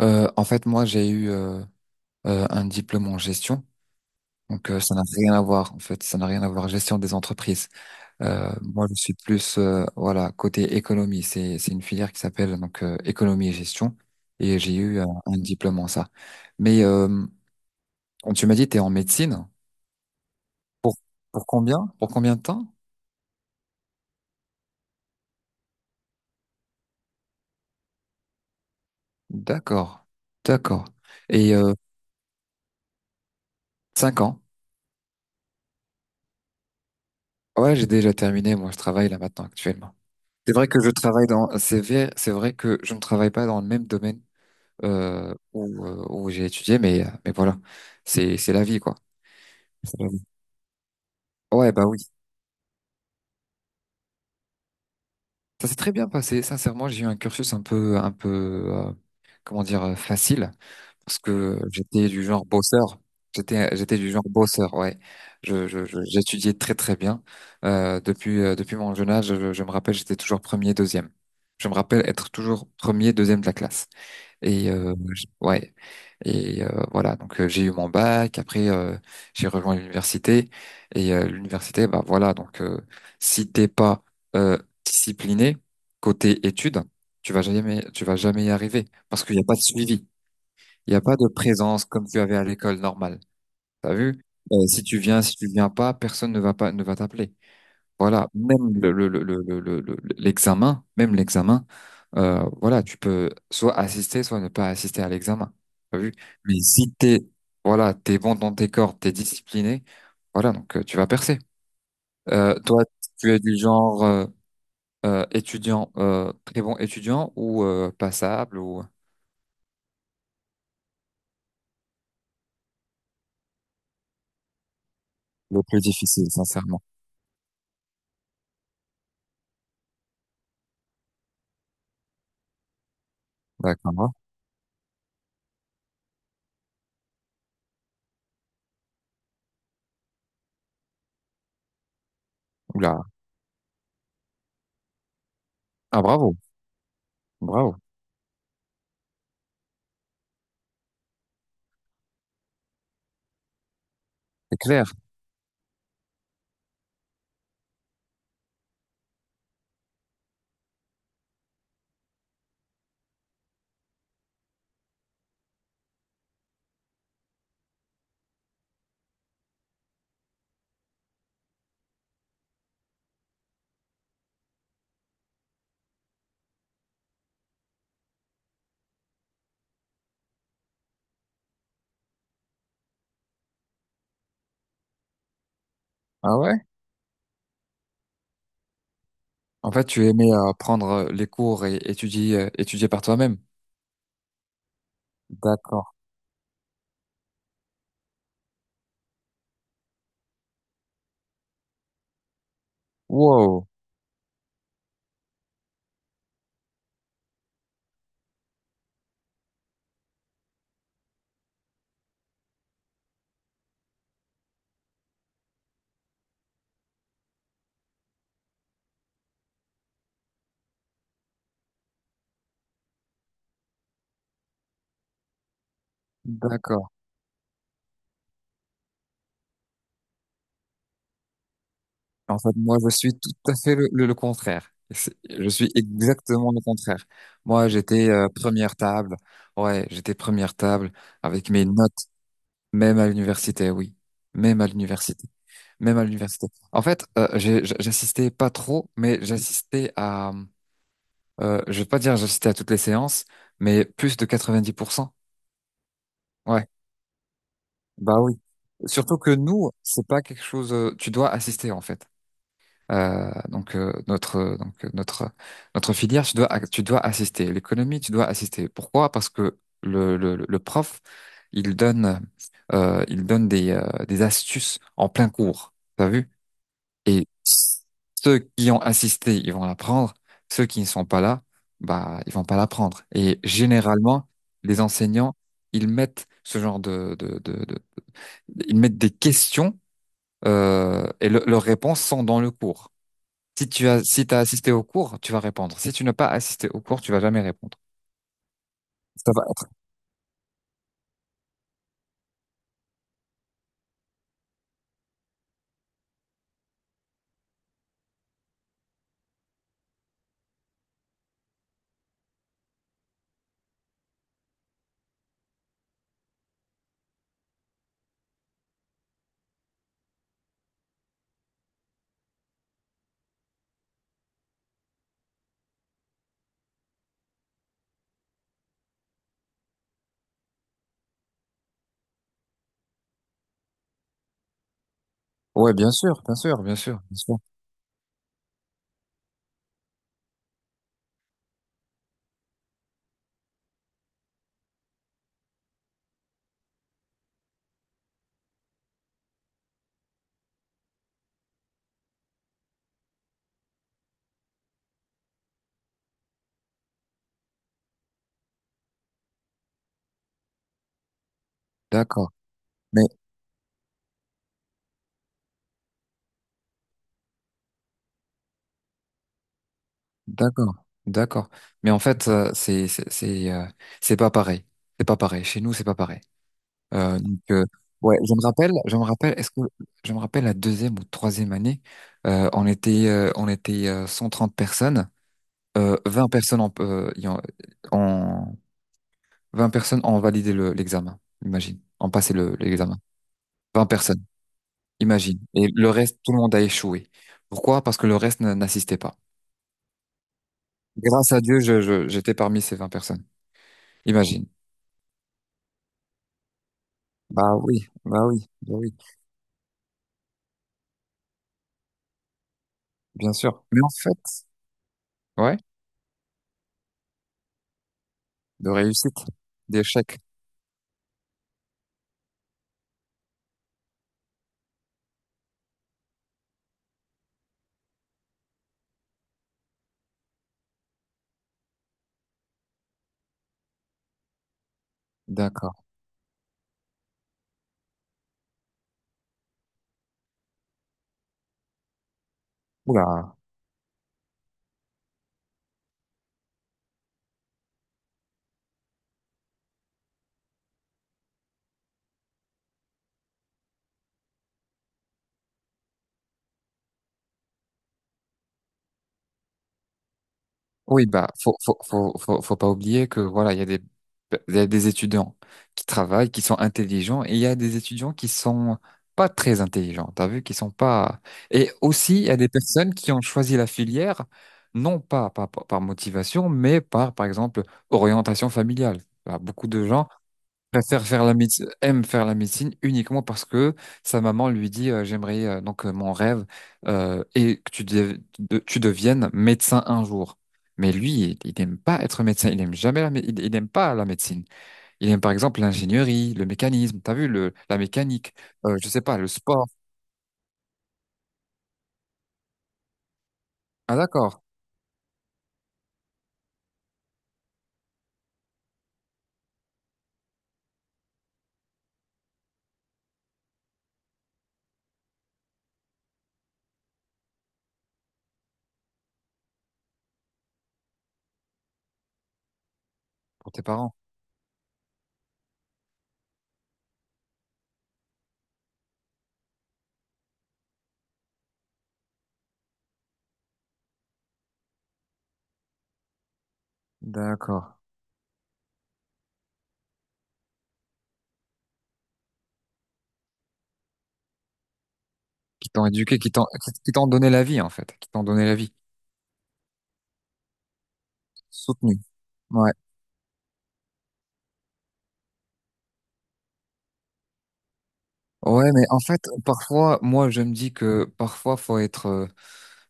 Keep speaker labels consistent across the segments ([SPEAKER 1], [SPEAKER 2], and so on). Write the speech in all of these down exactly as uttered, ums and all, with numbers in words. [SPEAKER 1] Euh, en fait, moi, j'ai eu euh, euh, un diplôme en gestion. Donc, euh, ça n'a rien à voir, en fait. Ça n'a rien à voir, gestion des entreprises. Euh, moi, je suis plus, euh, voilà, côté économie. C'est, c'est une filière qui s'appelle donc euh, économie et gestion. Et j'ai eu euh, un diplôme en ça. Mais euh, quand tu m'as dit, tu es en médecine. Pour, pour combien? Pour combien de temps? D'accord. D'accord. Et euh, cinq ans. Ouais, j'ai déjà terminé. Moi, je travaille là maintenant, actuellement. C'est vrai que je travaille dans, c'est vrai, c'est vrai que je ne travaille pas dans le même domaine euh, où, euh, où j'ai étudié, mais, euh, mais voilà, c'est, c'est la vie, quoi. C'est la vie. Ouais, bah oui. Ça s'est très bien passé. Sincèrement, j'ai eu un cursus un peu, un peu, euh, comment dire, euh, facile, parce que j'étais du genre bosseur. J'étais, j'étais du genre bosseur, ouais. Je, je, je- j'étudiais très, très bien. Euh, depuis, euh, depuis mon jeune âge, je, je me rappelle, j'étais toujours premier, deuxième. Je me rappelle être toujours premier, deuxième de la classe. Et euh, j- ouais, et euh, voilà. Donc euh, j'ai eu mon bac. Après euh, J'ai rejoint l'université. Et euh, l'université, bah voilà. Donc euh, si t'es pas euh, discipliné côté études, tu vas jamais, tu vas jamais y arriver parce qu'il n'y a pas de suivi, il n'y a pas de présence comme tu avais à l'école normale. T'as vu? Euh, si tu viens, si tu viens pas, personne ne va pas, ne va t'appeler. Voilà, même le, le, le, le, le, le- le- l'examen, même l'examen, euh, voilà, tu peux soit assister, soit ne pas assister à l'examen. T'as vu? Mais si t'es, Voilà, t'es bon dans tes cordes, t'es discipliné, voilà, donc euh, tu vas percer. Euh, toi, tu es du genre euh, euh, étudiant, euh, très bon étudiant ou euh, passable ou le plus difficile, sincèrement. D'accord, hein. Oula. Ah, bravo, bravo. C'est clair. Ah ouais? En fait, tu aimais euh, prendre euh, les cours et étudier, euh, étudier par toi-même. D'accord. Wow, d'accord. En fait, moi, je suis tout à fait le, le, le contraire. C'est- Je suis exactement le contraire. Moi, j'étais euh, première table. Ouais, j'étais première table avec mes notes, même à l'université, oui. Même à l'université. Même à l'université. En fait, euh, j'ai- j'- j'assistais pas trop, mais j'assistais à… Euh, je vais pas dire j'assistais à toutes les séances, mais plus de quatre-vingt-dix pour cent. Ouais, bah oui. Surtout que nous, c'est pas quelque chose… euh, tu dois assister, en fait. Euh, donc euh, notre donc euh, notre notre filière, tu dois tu dois assister. L'économie, tu dois assister. Pourquoi? Parce que le le, le prof, il donne euh, il donne des euh, des astuces en plein cours. T'as vu? Et ceux qui ont assisté, ils vont l'apprendre. Ceux qui ne sont pas là, bah ils vont pas l'apprendre. Et généralement, les enseignants, ils mettent ce genre de de de, de- ils mettent des questions euh, et le- leurs réponses sont dans le cours. Si tu as, Si t'as assisté au cours, tu vas répondre. Si tu n'as pas assisté au cours, tu vas jamais répondre. Ça va être. Ouais, bien sûr, bien sûr, bien sûr, bien sûr. D'accord. Mais d'accord, d'accord. Mais en fait, euh, c'est c'est c'est euh, c'est pas pareil. C'est pas pareil. Chez nous, c'est pas pareil. Euh, donc euh, ouais, je me rappelle, je me rappelle. Est-ce que je me rappelle la deuxième ou troisième année, euh, on était euh, on était euh, cent trente personnes. Euh, vingt personnes en, euh, y en, en- vingt personnes ont validé le- l'examen. Imagine, ont passé le- l'examen. vingt personnes, imagine. Et le reste, tout le monde a échoué. Pourquoi? Parce que le reste n'a- n'assistait pas. Grâce à Dieu, je, je- j'étais parmi ces vingt personnes. Imagine. Bah oui, bah oui, bah oui, bien sûr. Mais en fait, ouais, de réussite, d'échec. D'accord. Oula. Oui, bah, faut, faut, faut, faut, faut pas oublier que voilà, il y a des, il y a des étudiants qui travaillent, qui sont intelligents, et il y a des étudiants qui sont pas très intelligents. T'as vu, qui sont pas. Et aussi, il y a des personnes qui ont choisi la filière, non pas par, par par motivation, mais par, par exemple, orientation familiale. Bah, beaucoup de gens préfère faire la médecine, aime faire la médecine uniquement parce que sa maman lui dit euh, j'aimerais euh, donc euh, mon rêve euh, et que tu, dev- de- tu deviennes médecin un jour. Mais lui, il n'aime pas être médecin, il n'aime jamais la mé- il, il aime pas la médecine. Il aime par exemple l'ingénierie, le mécanisme, t'as vu le la mécanique, euh, je sais pas, le sport. Ah d'accord, pour tes parents. D'accord. Qui t'ont éduqué, qui t'ont qui qui t'ont donné la vie en fait, qui t'ont donné la vie, soutenu. Ouais. Ouais, mais en fait, parfois, moi, je me dis que parfois, faut être, euh,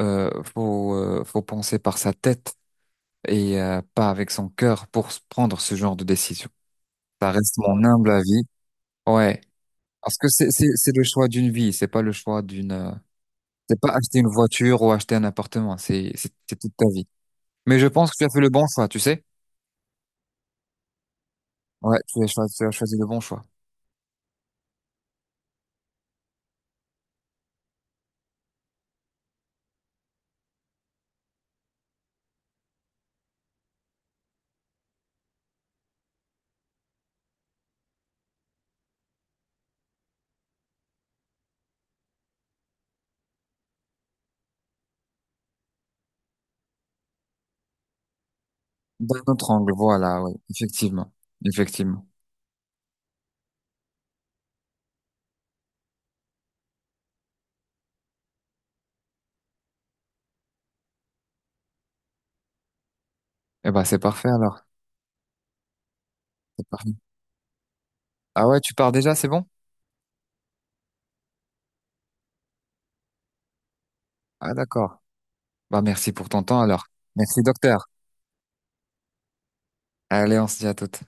[SPEAKER 1] euh, faut, euh, faut penser par sa tête et euh, pas avec son cœur pour s- prendre ce genre de décision. Ça reste mon humble avis. Ouais, parce que c'est, c'est, c'est le choix d'une vie, c'est pas le choix d'une, euh, c'est pas acheter une voiture ou acheter un appartement, c'est, c'est, c'est toute ta vie. Mais je pense que tu as fait le bon choix, tu sais? Ouais, tu as choisi, tu as choisi le bon choix. D'un autre angle, voilà, ouais, effectivement, effectivement. Eh ben, c'est parfait alors, c'est parfait. Ah ouais, tu pars déjà, c'est bon? Ah, d'accord. Bah, merci pour ton temps alors. Merci, docteur. Allez, on se dit à toutes.